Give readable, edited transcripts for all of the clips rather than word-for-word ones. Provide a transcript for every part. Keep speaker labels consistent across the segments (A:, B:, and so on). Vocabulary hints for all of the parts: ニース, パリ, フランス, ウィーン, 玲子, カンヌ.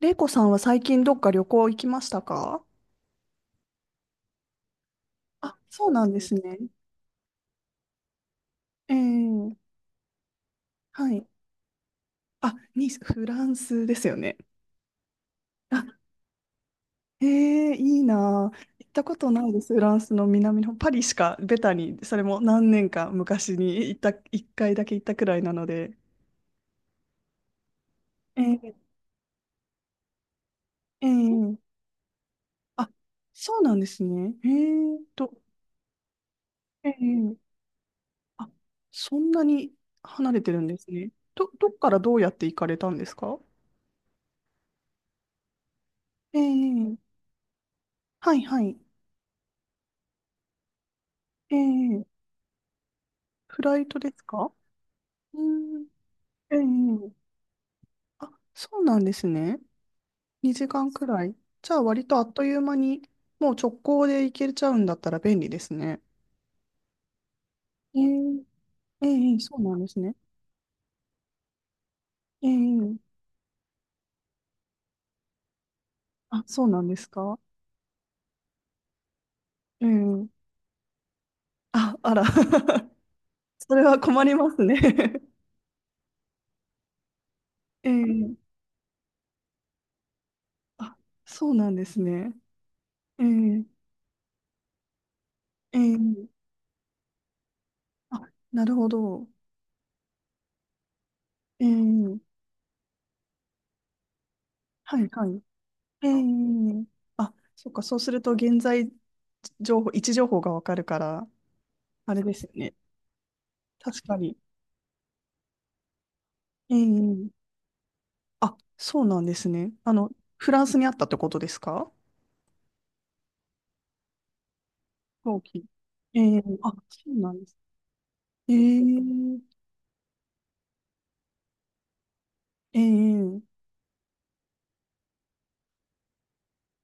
A: 玲子さんは最近どっか旅行行きましたか？あ、そうなんですね。ええ、はい。あ、ニース、フランスですよね。あ、ええ、いいなあ。行ったことないです。フランスの南の方パリしか、ベタに、それも何年か昔に行った、一回だけ行ったくらいなので。ええ、ええ、あ、そうなんですね。ええと、ええ、あ、そんなに離れてるんですね。どっからどうやって行かれたんですか？ええ、はいはい。ええ、フライトですか？うん。ええ、あ、そうなんですね。2時間くらい。じゃあ割とあっという間に、もう直行で行けちゃうんだったら便利ですね。ええ、ええ、そうなんですね。ええ、あ、そうなんですか？ええ、あ、あら。それは困りますね。 ええ、あ、そうなんですね。ええ、ええ、あ、なるほど。ええ、はい、はい。ええ、あ、そっか、そうすると現在情報、位置情報がわかるから、あれですよね。確かに。ええ、あ、そうなんですね。フランスにあったってことですか？後期。ええ、あ、そうなんです。ええ、ええ、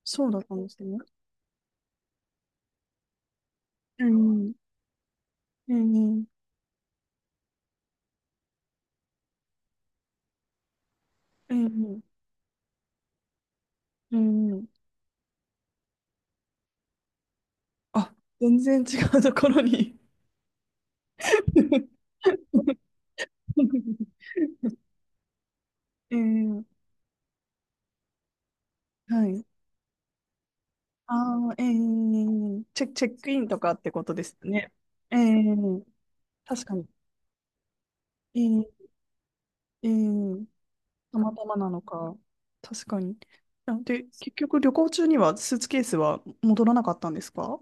A: そうだったんですね。ええ、ええ、ええ、ええ、あ、全然違うところに。 ええ、はい。ああ、ええ、チェックインとかってことですよね。ええ、確かに。ええ、ええ、たまたまなのか。確かに。あ、で、結局旅行中にはスーツケースは戻らなかったんですか？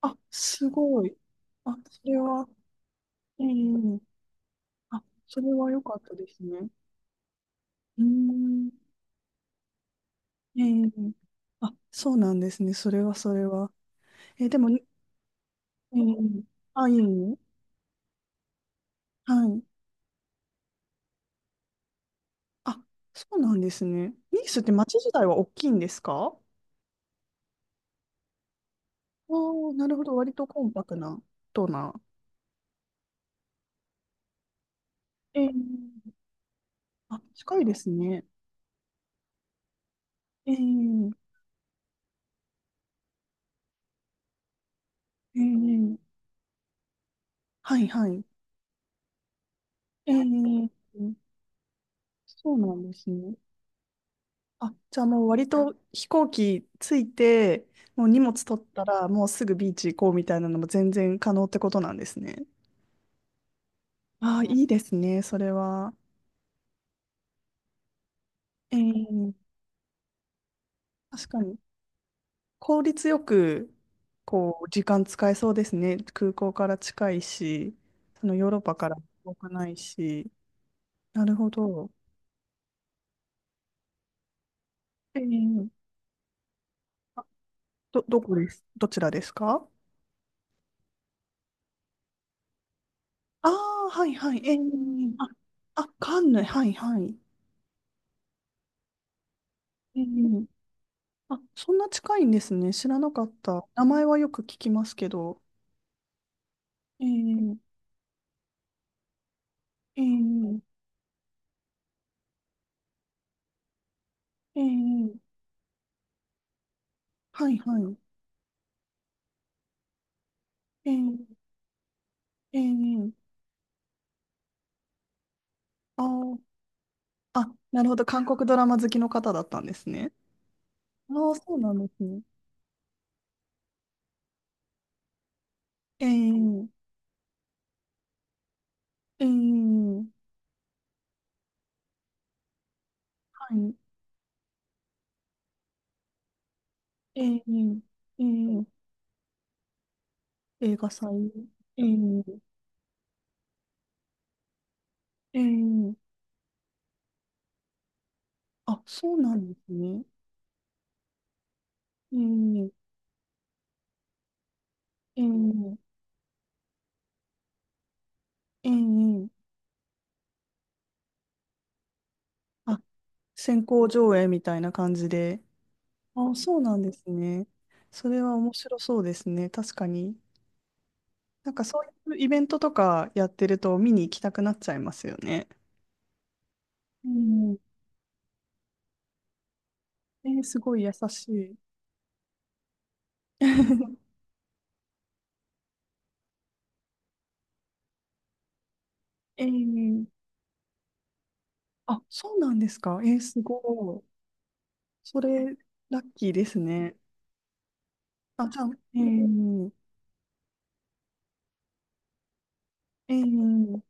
A: あ、すごい。あ、それは、ええ、あ、それは良かったですね。うーん、ええ、あ、そうなんですね。それはそれは。えでも、ええ、あ、いいの、はい。あ、そうなんですね。ニースって町自体は大きいんですか？ああー、なるほど。割とコンパクな、とな。ええ、あ、近いですね。ええ、ええ、はいはい。ええ、そうなんですね。あ、じゃあもう割と飛行機着いて、もう荷物取ったら、もうすぐビーチ行こうみたいなのも全然可能ってことなんですね。ああ、いいですね、それは。ええ、確かに。効率よく、こう、時間使えそうですね。空港から近いし、そのヨーロッパから遠くないし。なるほど。ええ、あ、どこです、どちらですか？ああー、はいはい。ええ、あ、あ、カンヌ、はいはい。ええ、あ、そんな近いんですね。知らなかった。名前はよく聞きますけど。ええ、ええ、ええ、はいはい。ええ、ええ、あ、ああ、なるほど。韓国ドラマ好きの方だったんですね。ああ、そうなんですね。ええ、ええ、はい。ええ、ええ、映画祭。ええ、ええ、あ、そうなんですね。ええ、ええ、ええ、あ、先行上映みたいな感じで。あ、そうなんですね。それは面白そうですね。確かに。なんかそういうイベントとかやってると見に行きたくなっちゃいますよね。うん。えー、すごい優しい。ええ、あ、そうなんですか。えー、すごい。それ、ラッキーですね。あ、じゃあ、ええ、ええ、え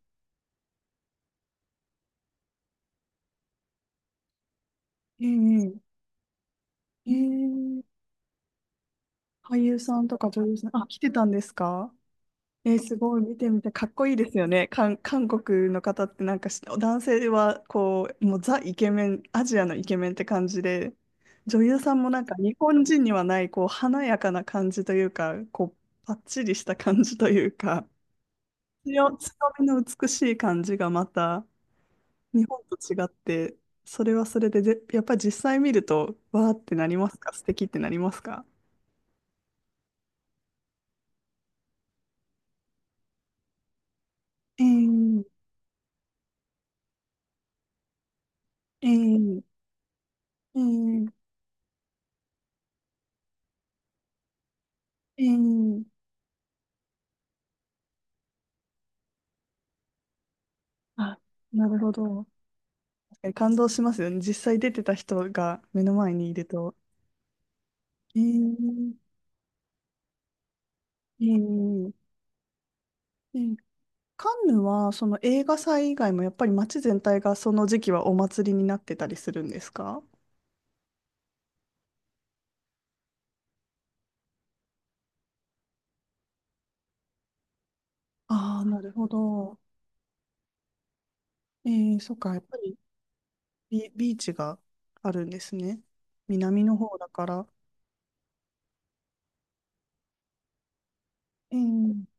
A: え、ええ、俳優さんとか女優さん、あ、来てたんですか？えー、すごい。見てみて、かっこいいですよね。韓国の方ってなんか男性はこう、もうザイケメン、アジアのイケメンって感じで、女優さんもなんか日本人にはない、こう、華やかな感じというか、こう、パッチリした感じというか、強みの美しい感じがまた日本と違って、それはそれで、やっぱり実際見ると、わーってなりますか？素敵ってなりますか？えー、えー、えー、えー、あ、なるほど。確かに感動しますよね。実際出てた人が目の前にいると。えー、えー、えー、カンヌはその映画祭以外もやっぱり街全体がその時期はお祭りになってたりするんですか？ああー、なるほど。えー、そっか、やっぱりビーチがあるんですね。南の方だから。ええ、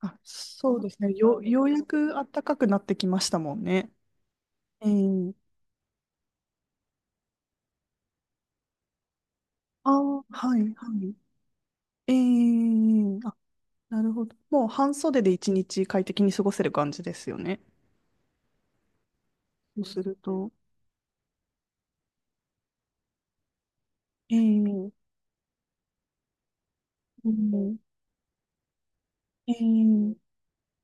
A: あ、そうですね。ようやく暖かくなってきましたもんね。ええ、あー、はい、はい。ええ、あ、なるほど。もう半袖で一日快適に過ごせる感じですよね。そうすると。ええ、うん、ええ、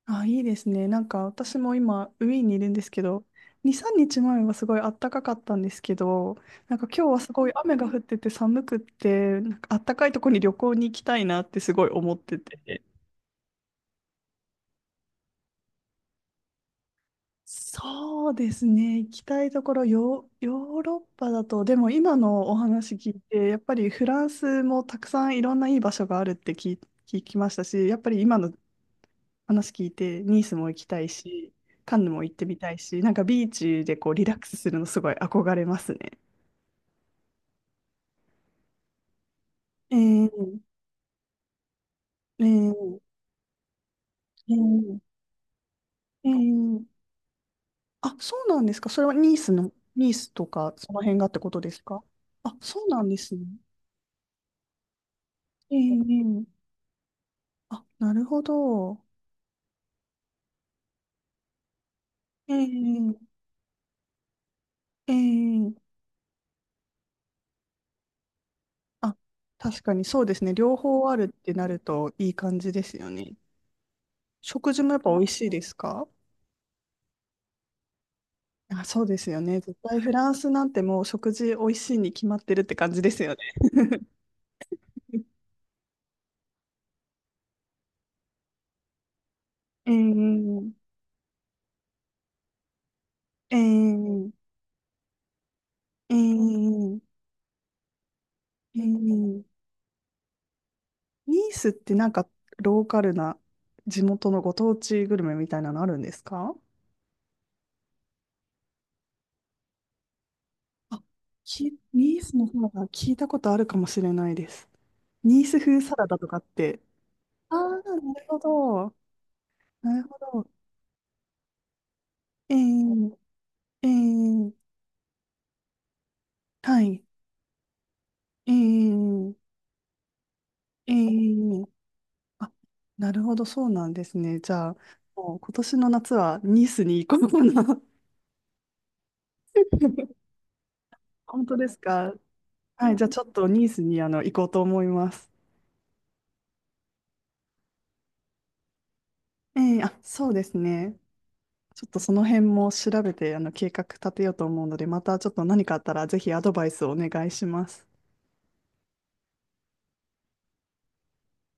A: あ、いいですね。なんか私も今、ウィーンにいるんですけど、2、3日前はすごい暖かかったんですけど、なんか今日はすごい雨が降ってて寒くって、なんか暖かいとこに旅行に行きたいなってすごい思ってて。そうですね。行きたいところ、ヨーロッパだと、でも今のお話聞いて、やっぱりフランスもたくさんいろんないい場所があるって聞きましたし、やっぱり今の話聞いて、ニースも行きたいし、カンヌも行ってみたいし、なんかビーチでこうリラックスするのすごい憧れますね。えー、えー、えー、えー、あ、そうなんですか。それはニースの、ニースとかその辺がってことですか？あ、そうなんですね。えー、あ、なるほど。えー、えー、あ、確かにそうですね。両方あるってなるといい感じですよね。食事もやっぱ美味しいですか？あ、そうですよね。絶対フランスなんてもう食事美味しいに決まってるって感じですよね。えー、えー、えー、えー、ニースってなんかローカルな地元のご当地グルメみたいなのあるんですか？あ、ニースの方が聞いたことあるかもしれないです。ニース風サラダとかって。ああ、なるほど。なるほど。えー、えー、はい。えー、えー、あ、なるほど、そうなんですね。じゃあ、もう今年の夏はニースに行こうかな。本当ですか？はい、じゃあちょっとニースに行こうと思います。ええ、あ、そうですね。ちょっとその辺も調べて計画立てようと思うので、またちょっと何かあったらぜひアドバイスをお願いします。